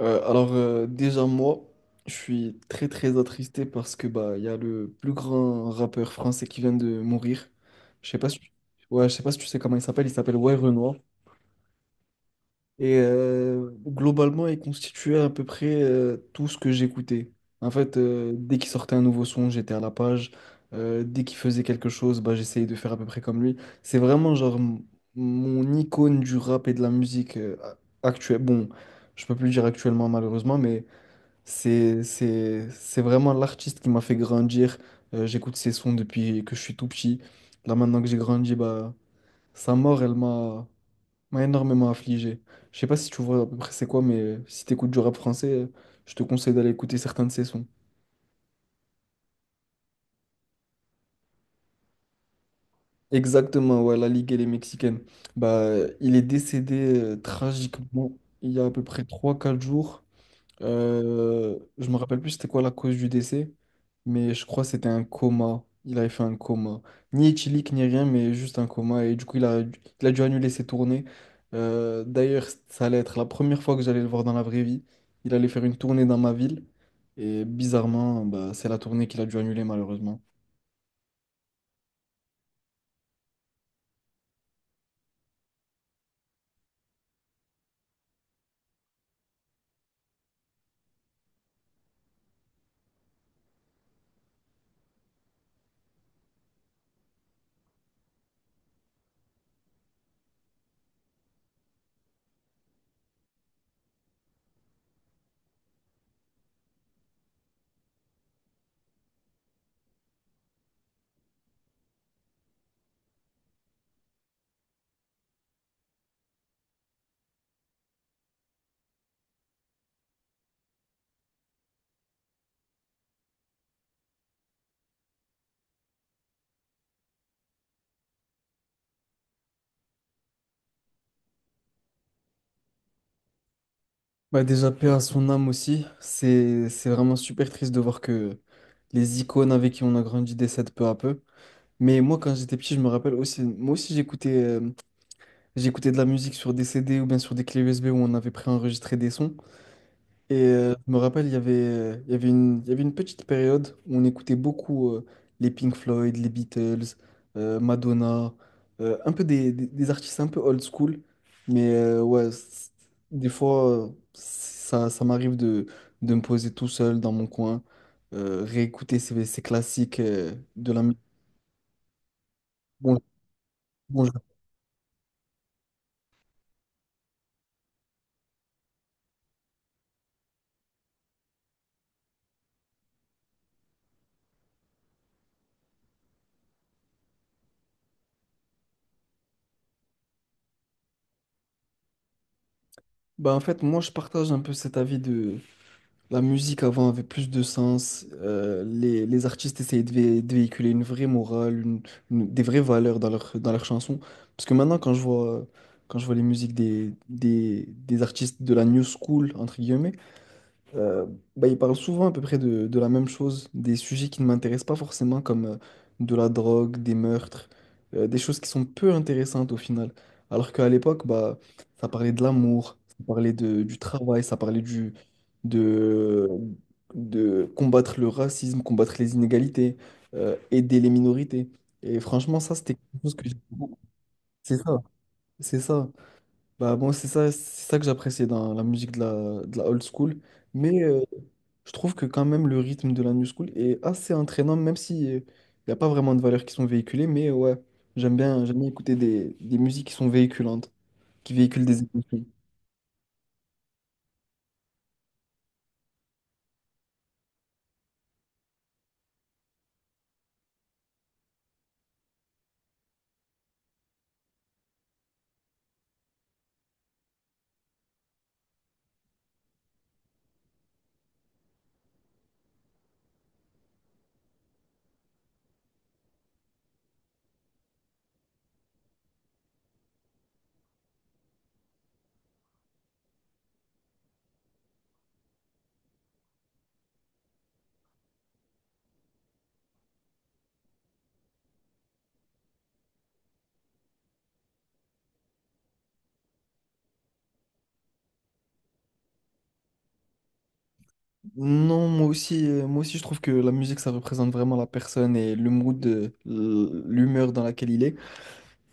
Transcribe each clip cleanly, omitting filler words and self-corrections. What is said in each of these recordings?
Déjà moi, je suis très très attristé parce que il y a le plus grand rappeur français qui vient de mourir. Je sais pas si tu... ouais, je sais pas si tu sais comment il s'appelle Ouais Renoir. Globalement, il constituait à peu près tout ce que j'écoutais. En fait, dès qu'il sortait un nouveau son, j'étais à la page. Dès qu'il faisait quelque chose, j'essayais de faire à peu près comme lui. C'est vraiment genre mon icône du rap et de la musique actuelle. Bon, je peux plus le dire actuellement malheureusement, mais c'est vraiment l'artiste qui m'a fait grandir. J'écoute ses sons depuis que je suis tout petit. Là, maintenant que j'ai grandi, sa mort, m'a énormément affligé. Je sais pas si tu vois à peu près c'est quoi, mais si t'écoutes du rap français, je te conseille d'aller écouter certains de ses sons. Exactement, ouais, la Ligue, elle est mexicaine. Bah, il est décédé tragiquement il y a à peu près trois quatre jours. Je me rappelle plus c'était quoi la cause du décès, mais je crois que c'était un coma. Il avait fait un coma. Ni éthylique, ni rien, mais juste un coma. Il a dû annuler ses tournées. D'ailleurs, ça allait être la première fois que j'allais le voir dans la vraie vie. Il allait faire une tournée dans ma ville. Et bizarrement, bah, c'est la tournée qu'il a dû annuler malheureusement. Bah, déjà, paix à son âme aussi. C'est vraiment super triste de voir que les icônes avec qui on a grandi décèdent peu à peu. Mais moi, quand j'étais petit, je me rappelle aussi, moi aussi, j'écoutais de la musique sur des CD ou bien sur des clés USB où on avait préenregistré des sons. Je me rappelle, il y avait une petite période où on écoutait beaucoup les Pink Floyd, les Beatles, Madonna, un peu des artistes un peu old school. Ouais, des fois, ça m'arrive de me poser tout seul dans mon coin, réécouter ces classiques de la musique. Bon, bon. Moi, je partage un peu cet avis de la musique avant avait plus de sens. Les artistes essayaient de véhiculer une vraie morale, des vraies valeurs dans dans leurs chansons. Parce que maintenant, quand je vois les musiques des artistes de la new school, entre guillemets, euh, il parle souvent à peu près de la même chose, des sujets qui ne m'intéressent pas forcément, comme de la drogue, des meurtres, des choses qui sont peu intéressantes au final. Alors qu'à l'époque, bah, ça parlait de l'amour, ça parlait du travail, ça parlait du, de, de combattre le racisme, combattre les inégalités, aider les minorités. Et franchement, ça, c'était quelque chose que j'ai beaucoup- C'est ça, c'est ça. Bah, moi, c'est ça que j'appréciais dans la musique de la old school. Mais euh, je trouve que quand même le rythme de la New School est assez entraînant, même si il n'y a pas vraiment de valeurs qui sont véhiculées, mais ouais, j'aime bien écouter des musiques qui sont véhiculantes, qui véhiculent des émotions. Non, moi aussi, moi aussi je trouve que la musique, ça représente vraiment la personne et le mood, l'humeur dans laquelle il est.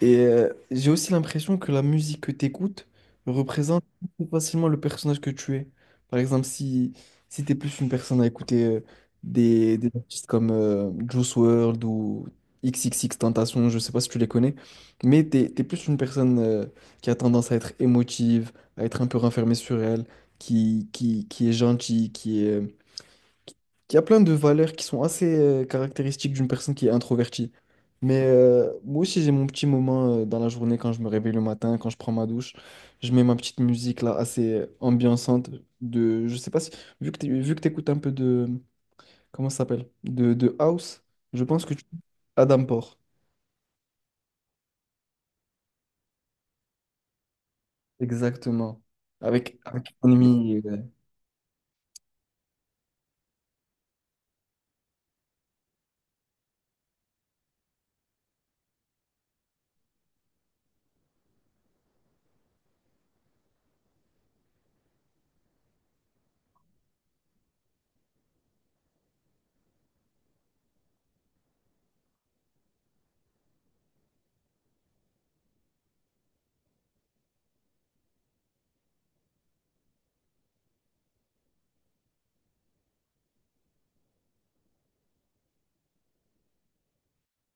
J'ai aussi l'impression que la musique que tu écoutes représente plus facilement le personnage que tu es. Par exemple, si tu es plus une personne à écouter des artistes comme Juice World ou XXXTentacion, je sais pas si tu les connais, mais tu es plus une personne qui a tendance à être émotive, à être un peu renfermée sur elle, qui est gentille, il y a plein de valeurs qui sont assez caractéristiques d'une personne qui est introvertie. Moi aussi, j'ai mon petit moment dans la journée quand je me réveille le matin, quand je prends ma douche. Je mets ma petite musique là, assez ambiançante. Je sais pas si, vu que tu vu que t'écoutes un peu de, comment ça s'appelle? De house, je pense que tu... Adam Port. Exactement. Avec, avec Enemy, euh.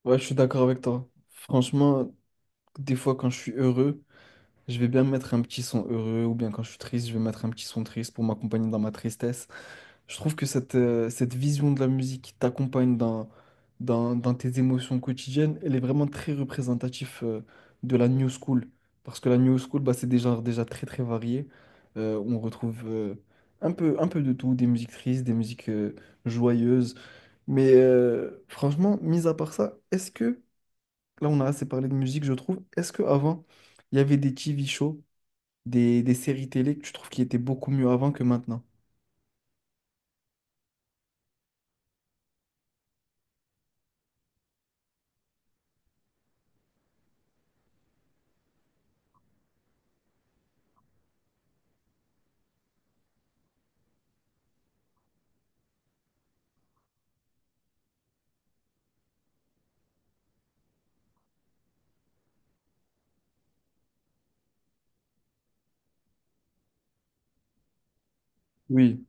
Ouais, je suis d'accord avec toi. Franchement, des fois, quand je suis heureux, je vais bien mettre un petit son heureux ou bien quand je suis triste, je vais mettre un petit son triste pour m'accompagner dans ma tristesse. Je trouve que cette vision de la musique qui t'accompagne dans tes émotions quotidiennes, elle est vraiment très représentative de la new school. Parce que la new school, bah, c'est des genres déjà très très variés. On retrouve un peu de tout, des musiques tristes, des musiques joyeuses. Franchement, mis à part ça, là on a assez parlé de musique, je trouve, est-ce que avant il y avait des TV shows? Des séries télé que tu trouves qui étaient beaucoup mieux avant que maintenant. Oui.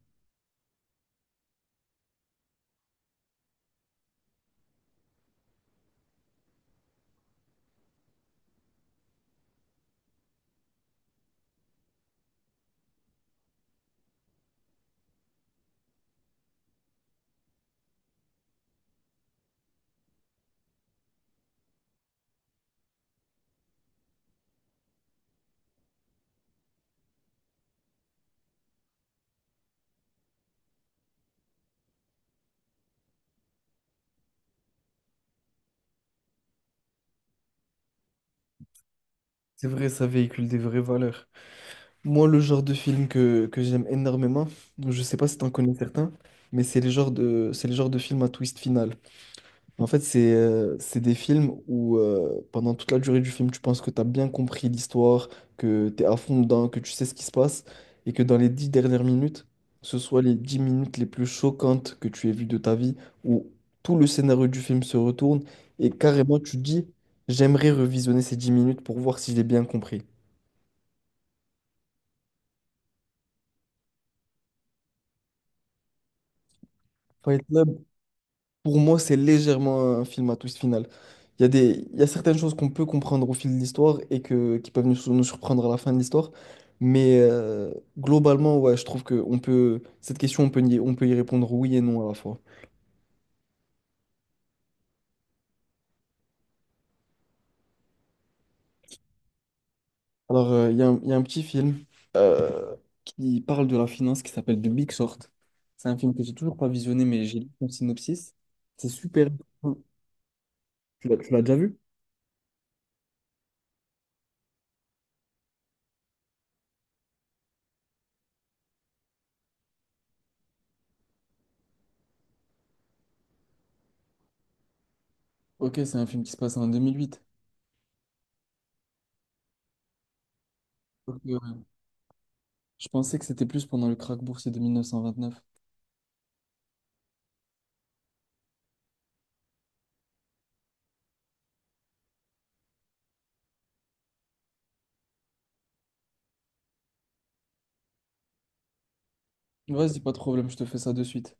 C'est vrai, ça véhicule des vraies valeurs. Moi, le genre de film que j'aime énormément, je sais pas si t'en connais certains, mais c'est les genres de, c'est les genres de films à twist final. En fait, c'est des films où pendant toute la durée du film, tu penses que tu as bien compris l'histoire, que tu es à fond dedans, que tu sais ce qui se passe, et que dans les dix dernières minutes, ce soit les dix minutes les plus choquantes que tu aies vues de ta vie, où tout le scénario du film se retourne, et carrément tu te dis, j'aimerais revisionner ces dix minutes pour voir si j'ai bien compris. Fight Club, pour moi, c'est légèrement un film à twist final. Il y a certaines choses qu'on peut comprendre au fil de l'histoire qui peuvent nous surprendre à la fin de l'histoire. Mais euh, Globalement, ouais, je trouve que cette question, on peut y répondre oui et non à la fois. Alors, il y a il y a un petit film euh, qui parle de la finance qui s'appelle The Big Short. C'est un film que j'ai toujours pas visionné, mais j'ai lu son synopsis. C'est super. Tu l'as déjà vu? Ok, c'est un film qui se passe en 2008. Ok, ouais. Je pensais que c'était plus pendant le krach boursier de 1929. Vas-y, pas de problème, je te fais ça de suite.